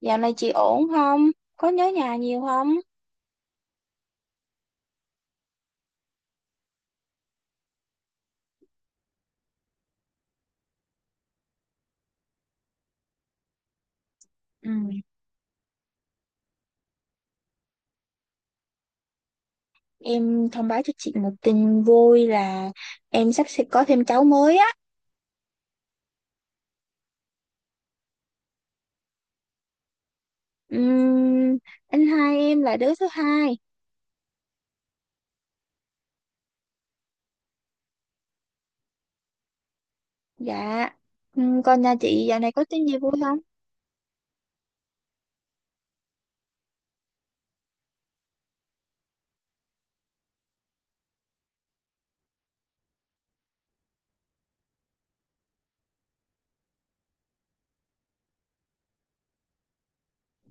Dạo này chị ổn không? Có nhớ nhà nhiều không? Ừ. Em thông báo cho chị một tin vui là em sắp sẽ có thêm cháu mới á. Ừm, anh hai em là đứa thứ hai. Dạ. Còn nhà chị dạo này có tin gì vui không?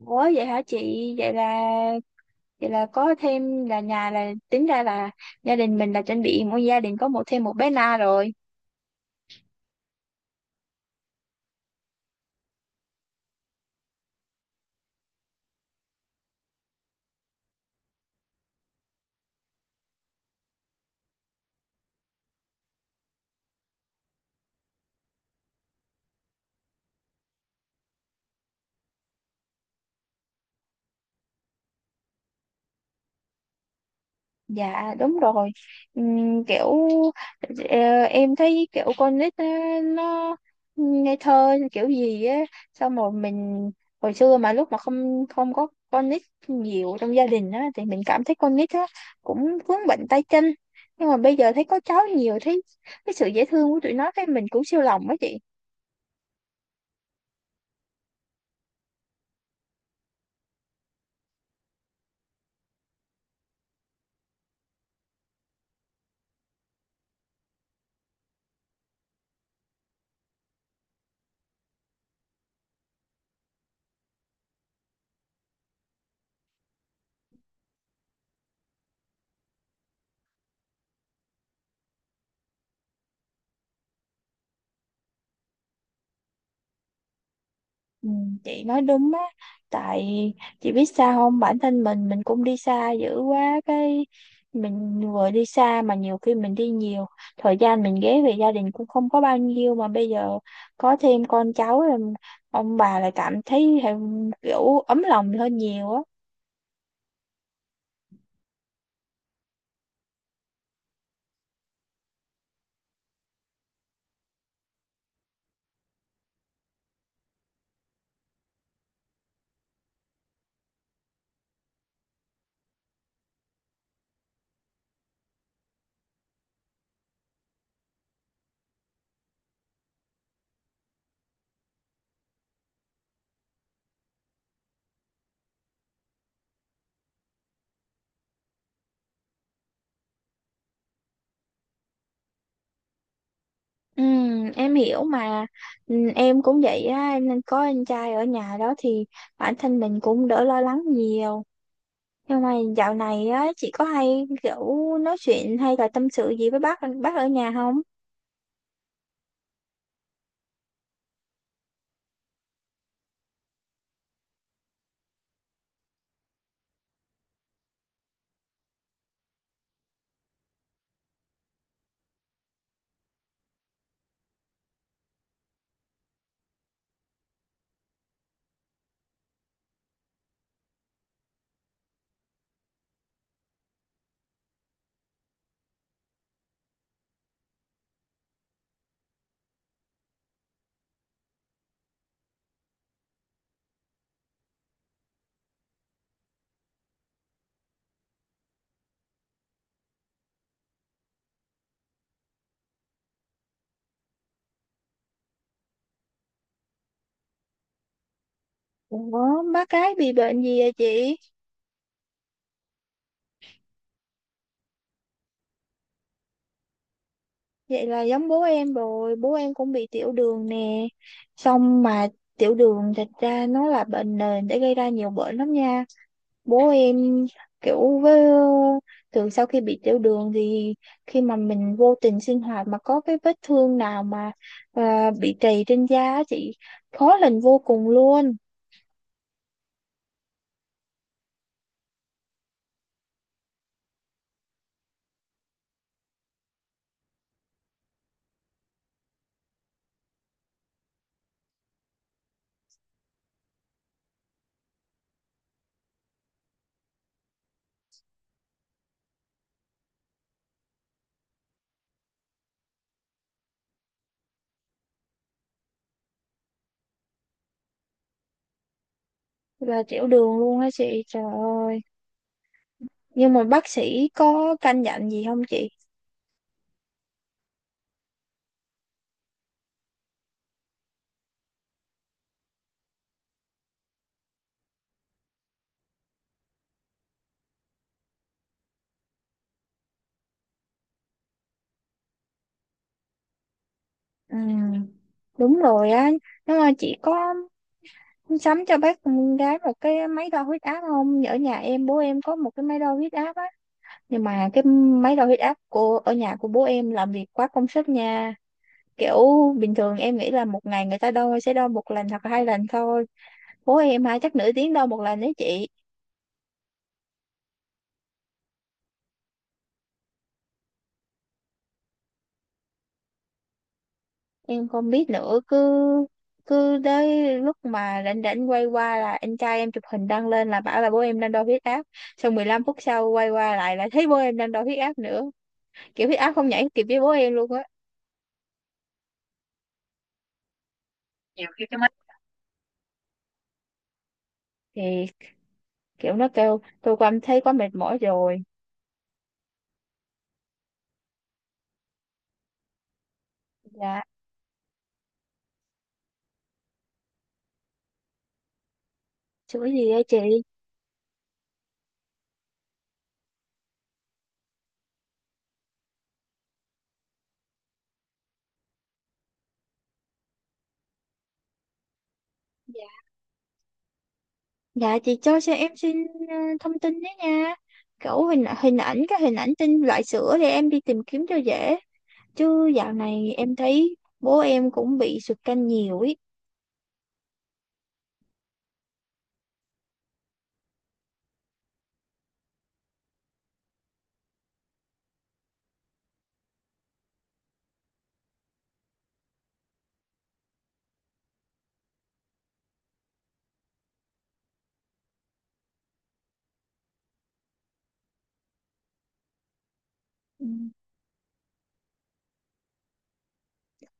Ủa vậy hả chị? Vậy là vậy là có thêm là nhà là tính ra là gia đình mình là chuẩn bị mỗi gia đình có một thêm một bé Na rồi. Dạ đúng rồi. Ừm, kiểu em thấy kiểu con nít á, nó ngây thơ kiểu gì á, xong rồi mình hồi xưa mà lúc mà không không có con nít nhiều trong gia đình á thì mình cảm thấy con nít á cũng vướng bệnh tay chân, nhưng mà bây giờ thấy có cháu nhiều, thấy cái sự dễ thương của tụi nó cái mình cũng siêu lòng á chị. Ừ, chị nói đúng á. Tại chị biết sao không, bản thân mình cũng đi xa dữ quá, cái mình vừa đi xa mà nhiều khi mình đi nhiều, thời gian mình ghé về gia đình cũng không có bao nhiêu, mà bây giờ có thêm con cháu rồi ông bà lại cảm thấy thêm kiểu ấm lòng hơn nhiều á. Ừ, em hiểu mà. Ừ, em cũng vậy á, nên có anh trai ở nhà đó thì bản thân mình cũng đỡ lo lắng nhiều. Nhưng mà dạo này á, chị có hay kiểu nói chuyện hay là tâm sự gì với bác ở nhà không? Ủa, bác cái bị bệnh gì vậy chị? Vậy là giống bố em rồi, bố em cũng bị tiểu đường nè. Xong mà tiểu đường thật ra nó là bệnh nền để gây ra nhiều bệnh lắm nha. Bố em kiểu với, từ sau khi bị tiểu đường thì khi mà mình vô tình sinh hoạt mà có cái vết thương nào mà bị trầy trên da á chị, khó lành vô cùng luôn. Là tiểu đường luôn á chị, trời ơi. Nhưng mà bác sĩ có căn dặn gì không chị? Ừ, đúng rồi á. Nhưng mà chị có sắm cho bác con gái một cái máy đo huyết áp không? Ở nhà em, bố em có một cái máy đo huyết áp á, nhưng mà cái máy đo huyết áp của ở nhà của bố em làm việc quá công suất nha. Kiểu bình thường em nghĩ là một ngày người ta đo sẽ đo một lần hoặc là hai lần thôi, bố em hả, chắc nửa tiếng đo một lần đấy chị. Em không biết nữa, cứ cứ tới lúc mà rảnh rảnh quay qua là anh trai em chụp hình đăng lên là bảo là bố em đang đo huyết áp, xong 15 phút sau quay qua lại là thấy bố em đang đo huyết áp nữa. Kiểu huyết áp không nhảy kịp với bố em luôn á. Nhiều khi cái mắt thì kiểu nó kêu tôi cảm thấy quá mệt mỏi rồi. Dạ. Sữa gì vậy chị? Dạ. Dạ chị cho em xin thông tin đấy nha, kiểu hình hình ảnh, cái hình ảnh tin loại sữa để em đi tìm kiếm cho dễ. Chứ dạo này em thấy bố em cũng bị sụt cân nhiều ý. Ừ.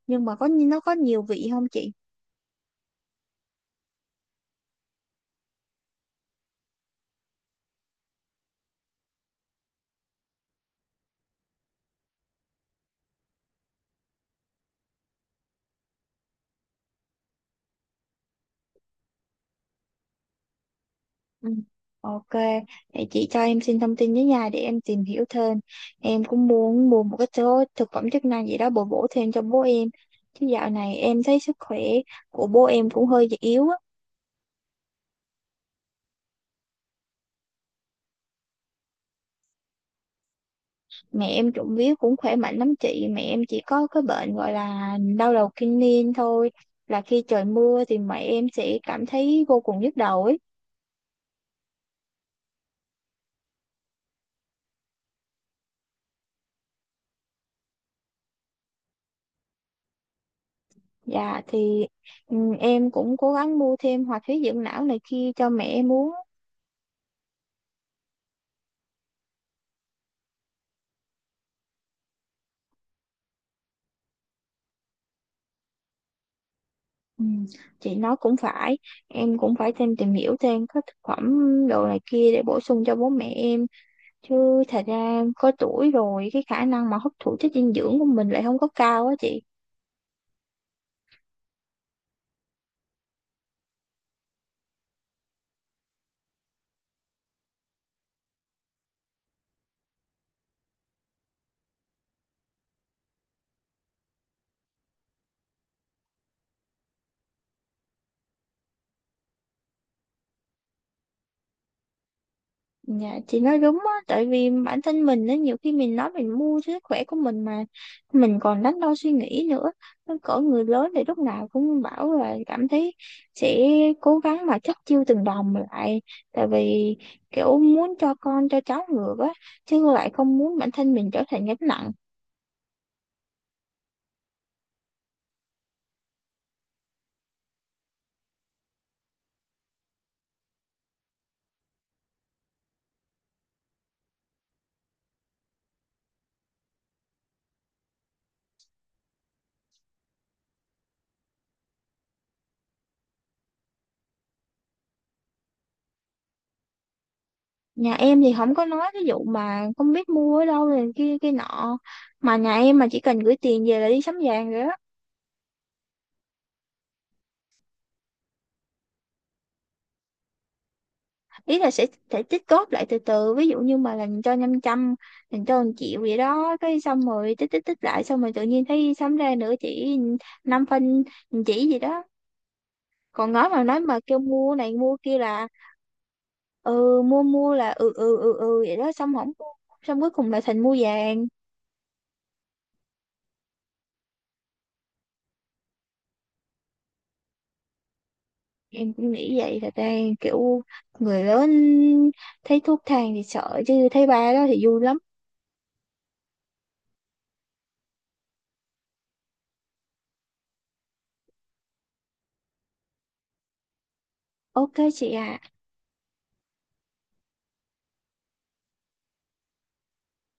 Nhưng mà có, nó có nhiều vị không chị? Ừ. Ok, để chị cho em xin thông tin với nhà để em tìm hiểu thêm. Em cũng muốn mua một cái số thực phẩm chức năng gì đó bổ bổ thêm cho bố em, chứ dạo này em thấy sức khỏe của bố em cũng hơi yếu á. Mẹ em trộm vía cũng khỏe mạnh lắm chị. Mẹ em chỉ có cái bệnh gọi là đau đầu kinh niên thôi, là khi trời mưa thì mẹ em sẽ cảm thấy vô cùng nhức đầu ấy. Dạ thì em cũng cố gắng mua thêm hoạt huyết dưỡng não này kia cho mẹ em uống. Ừ, chị nói cũng phải, em cũng phải thêm tìm hiểu thêm các thực phẩm đồ này kia để bổ sung cho bố mẹ em. Chứ thật ra có tuổi rồi, cái khả năng mà hấp thụ chất dinh dưỡng của mình lại không có cao á chị. Dạ chị nói đúng á. Tại vì bản thân mình á, nhiều khi mình nói mình mua cho sức khỏe của mình mà mình còn đắn đo suy nghĩ nữa. Nó cỡ người lớn thì lúc nào cũng bảo là cảm thấy sẽ cố gắng mà chất chiêu từng đồng lại, tại vì kiểu muốn cho con cho cháu ngược á, chứ lại không muốn bản thân mình trở thành gánh nặng. Nhà em thì không có nói ví dụ mà không biết mua ở đâu này kia kia nọ, mà nhà em mà chỉ cần gửi tiền về là đi sắm vàng rồi đó. Ý là sẽ tích góp lại từ từ, ví dụ như mà làm cho 500, làm cho 1 triệu vậy đó, cái xong rồi tích tích tích lại, xong rồi tự nhiên thấy sắm ra nữa chỉ, 5 phân, một chỉ gì đó. Còn nói mà kêu mua này mua kia là ừ, mua mua là ừ ừ ừ ừ vậy đó, xong không mua. Xong cuối cùng là thành mua vàng. Em cũng nghĩ vậy thật ra, kiểu người lớn thấy thuốc thang thì sợ, chứ thấy ba đó thì vui lắm. Ok chị à.